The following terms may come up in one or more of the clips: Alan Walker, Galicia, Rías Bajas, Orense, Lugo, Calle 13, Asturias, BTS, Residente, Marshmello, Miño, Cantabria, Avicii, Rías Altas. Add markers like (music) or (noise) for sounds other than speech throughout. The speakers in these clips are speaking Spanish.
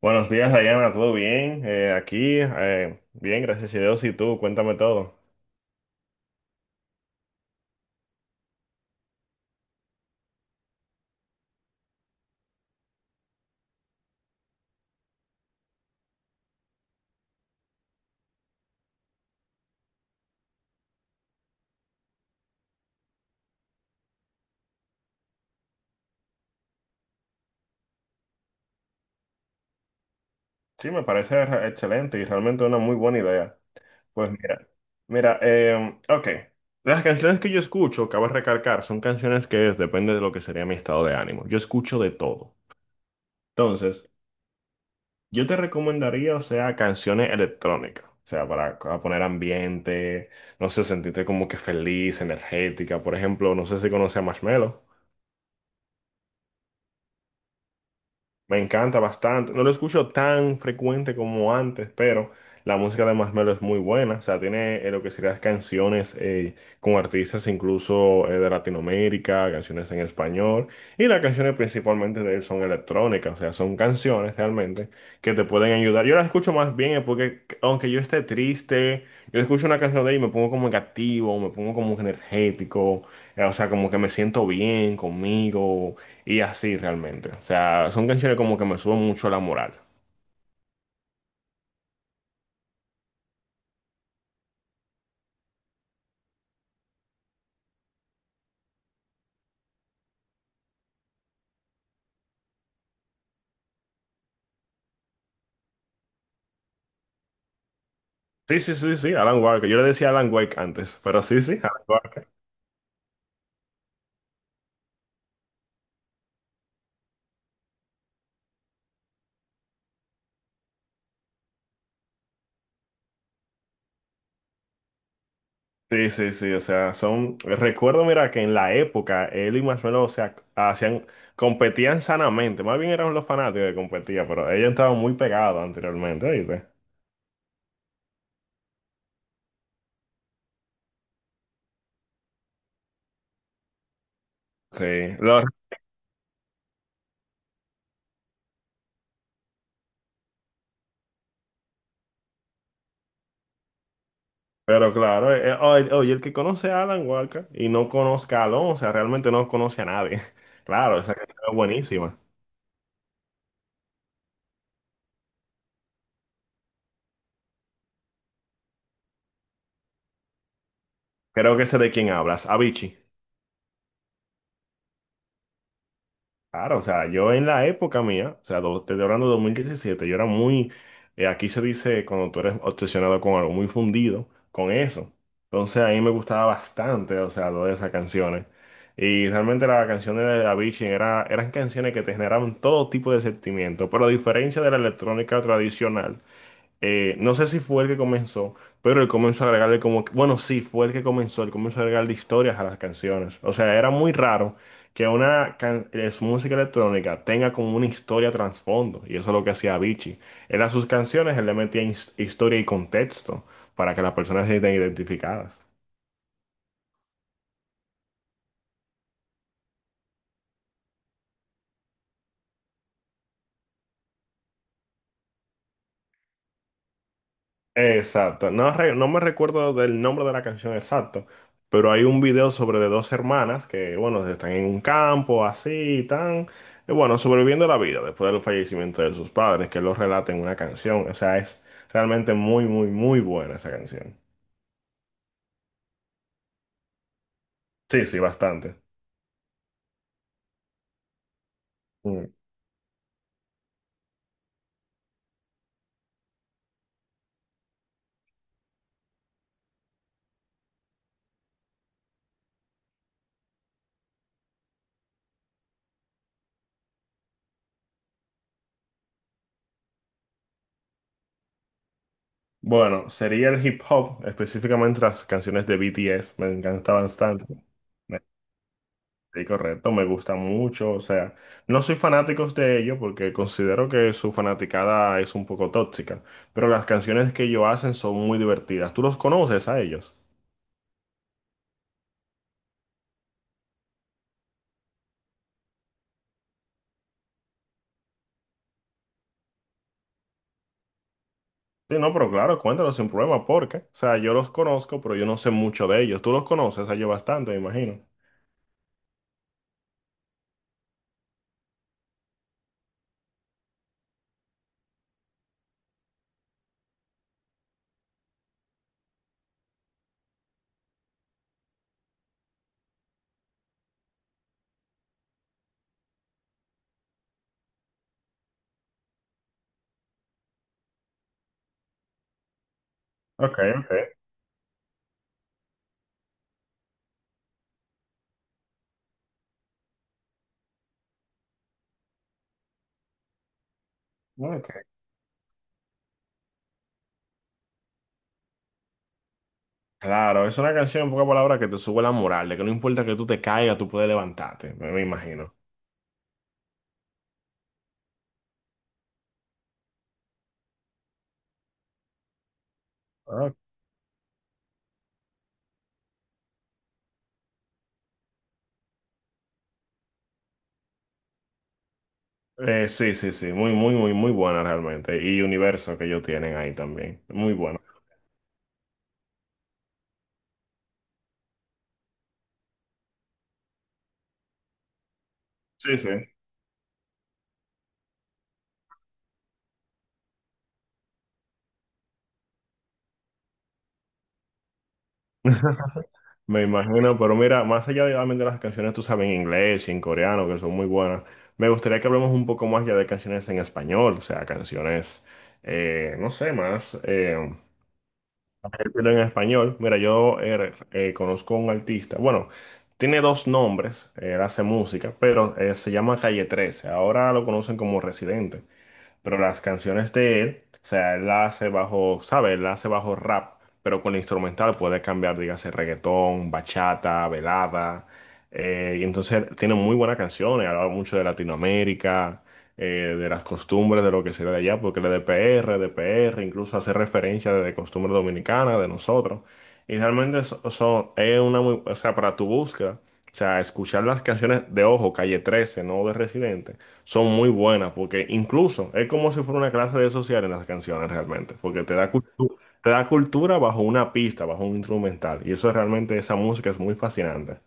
Buenos días, Diana, ¿todo bien? Aquí, bien, gracias a Dios, y tú, cuéntame todo. Sí, me parece excelente y realmente una muy buena idea. Pues mira, mira, las canciones que yo escucho, cabe recalcar, son canciones que depende de lo que sería mi estado de ánimo. Yo escucho de todo. Entonces, yo te recomendaría, o sea, canciones electrónicas, o sea, para poner ambiente, no sé, sentirte como que feliz, energética. Por ejemplo, no sé si conoces a Marshmello. Me encanta bastante. No lo escucho tan frecuente como antes, pero la música de Masmelo es muy buena. O sea, tiene lo que serían canciones con artistas incluso de Latinoamérica, canciones en español. Y las canciones principalmente de él son electrónicas, o sea, son canciones realmente que te pueden ayudar. Yo las escucho más bien es porque, aunque yo esté triste, yo escucho una canción de él y me pongo como que activo, me pongo como que energético, o sea, como que me siento bien conmigo y así realmente. O sea, son canciones como que me suben mucho la moral. Sí, sí, sí, sí, Alan Walker. Yo le decía Alan Wake antes, pero sí, sí, Alan Walker. Sí, sí, sí, o sea, son, recuerdo, mira, que en la época él y Marshmello, o sea, hacían, competían sanamente, más bien eran los fanáticos que competían, pero ellos estaban muy pegados anteriormente, ¿viste? Sí, lo- pero claro, oye, oye, el que conoce a Alan Walker y no conozca a Alonso, o sea, realmente no conoce a nadie. (laughs) Claro, esa canción es buenísima. Creo que sé de quién hablas, Avicii. Claro, o sea, yo en la época mía, o sea, te estoy hablando de 2017, yo era muy, aquí se dice cuando tú eres obsesionado con algo, muy fundido con eso. Entonces a mí me gustaba bastante, o sea, todas esas canciones. Y realmente las canciones de Avicii eran canciones que te generaban todo tipo de sentimientos, pero a diferencia de la electrónica tradicional, no sé si fue el que comenzó, pero él comenzó a agregarle bueno, sí, fue el que comenzó, él comenzó a agregarle historias a las canciones. O sea, era muy raro que su música electrónica tenga como una historia trasfondo, y eso es lo que hacía Avicii. Él a sus canciones, él le metía historia y contexto para que las personas se sientan identificadas. Exacto, no, no me recuerdo del nombre de la canción exacto, pero hay un video sobre de dos hermanas que, bueno, están en un campo así y tan, y bueno, sobreviviendo la vida después del fallecimiento de sus padres, que lo relata en una canción, o sea, es realmente muy, muy, muy buena esa canción. Sí, sí, bastante. Mm. Bueno, sería el hip hop, específicamente las canciones de BTS, me encanta bastante. Sí, correcto, me gusta mucho, o sea, no soy fanático de ellos porque considero que su fanaticada es un poco tóxica, pero las canciones que ellos hacen son muy divertidas. ¿Tú los conoces a ellos? Sí, no, pero claro, cuéntanos sin problema, porque, o sea, yo los conozco, pero yo no sé mucho de ellos. Tú los conoces a ellos bastante, me imagino. Ok, ok. Ok. Claro, es una canción en pocas palabras que te sube la moral, de que no importa que tú te caigas, tú puedes levantarte, me imagino. Sí, sí, sí, muy, muy, muy, muy buena realmente. Y universo que ellos tienen ahí también. Muy bueno. Sí, sí. Me imagino, pero mira, más allá de obviamente, las canciones, tú sabes, en inglés y en coreano, que son muy buenas, me gustaría que hablemos un poco más ya de canciones en español, o sea, canciones, no sé, más, pero en español. Mira, yo conozco un artista, bueno, tiene dos nombres, él hace música, pero se llama Calle 13, ahora lo conocen como Residente. Pero las canciones de él, o sea, él la hace bajo, ¿sabes? Él la hace bajo rap, pero con la instrumental puede cambiar, dígase, reggaetón, bachata, velada. Y entonces tiene muy buenas canciones, habla mucho de Latinoamérica, de las costumbres, de lo que se ve de allá, porque él es de PR, de PR, incluso hace referencia de costumbres dominicanas, de nosotros. Y realmente eso, eso es una muy, o sea, para tu búsqueda, o sea, escuchar las canciones de Ojo, Calle trece, no de Residente, son muy buenas, porque incluso es como si fuera una clase de social en las canciones realmente, porque te da, te da cultura bajo una pista, bajo un instrumental, y eso es realmente, esa música es muy fascinante.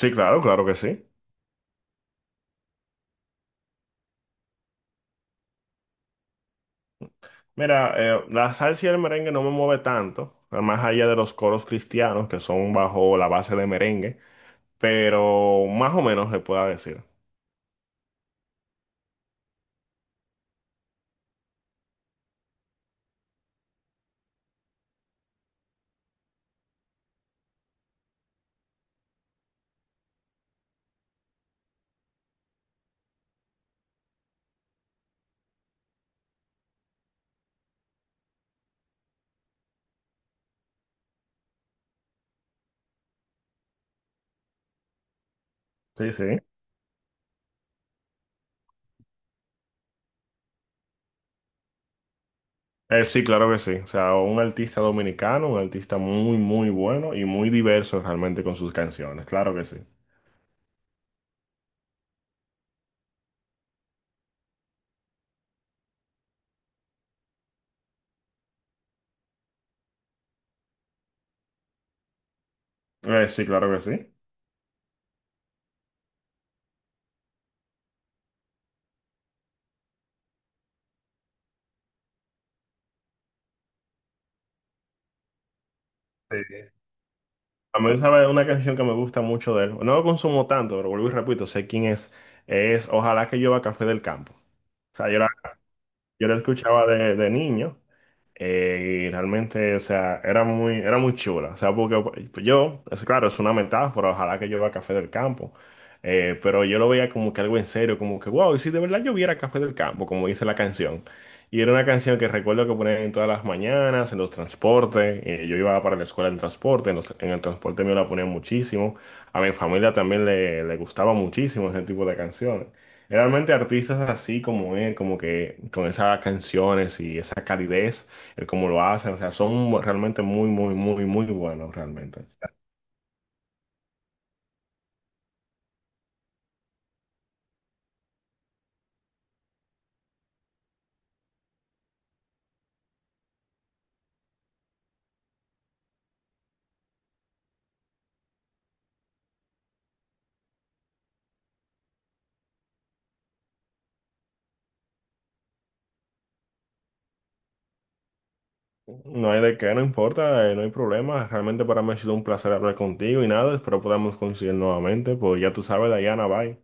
Sí, claro, claro que sí. Mira, la salsa y el merengue no me mueve tanto, más allá de los coros cristianos que son bajo la base de merengue, pero más o menos se pueda decir. Sí, sí. Sí, claro que sí. O sea, un artista dominicano, un artista muy, muy bueno y muy diverso realmente con sus canciones. Claro que sí. Sí, claro que sí. Sí. A mí, sabe una canción que me gusta mucho de él. No lo consumo tanto, pero vuelvo y repito, sé quién es. Es Ojalá que llueva café del campo. O sea, yo la escuchaba de niño. Y realmente, o sea, era muy chula. O sea, porque pues, yo, es claro, es una metáfora, ojalá que llueva café del campo. Pero yo lo veía como que algo en serio, como que, wow, y si de verdad lloviera café del campo, como dice la canción. Y era una canción que recuerdo que ponían en todas las mañanas, en los transportes. Yo iba para la escuela en transporte, en, en el transporte me la ponían muchísimo. A mi familia también le gustaba muchísimo ese tipo de canciones. Realmente artistas así como él, como que con esas canciones y esa calidez el cómo lo hacen, o sea, son realmente muy, muy, muy, muy buenos, realmente. O sea, no hay de qué, no importa, no hay problema. Realmente para mí ha sido un placer hablar contigo y nada, espero podamos coincidir nuevamente, pues ya tú sabes, Dayana, bye.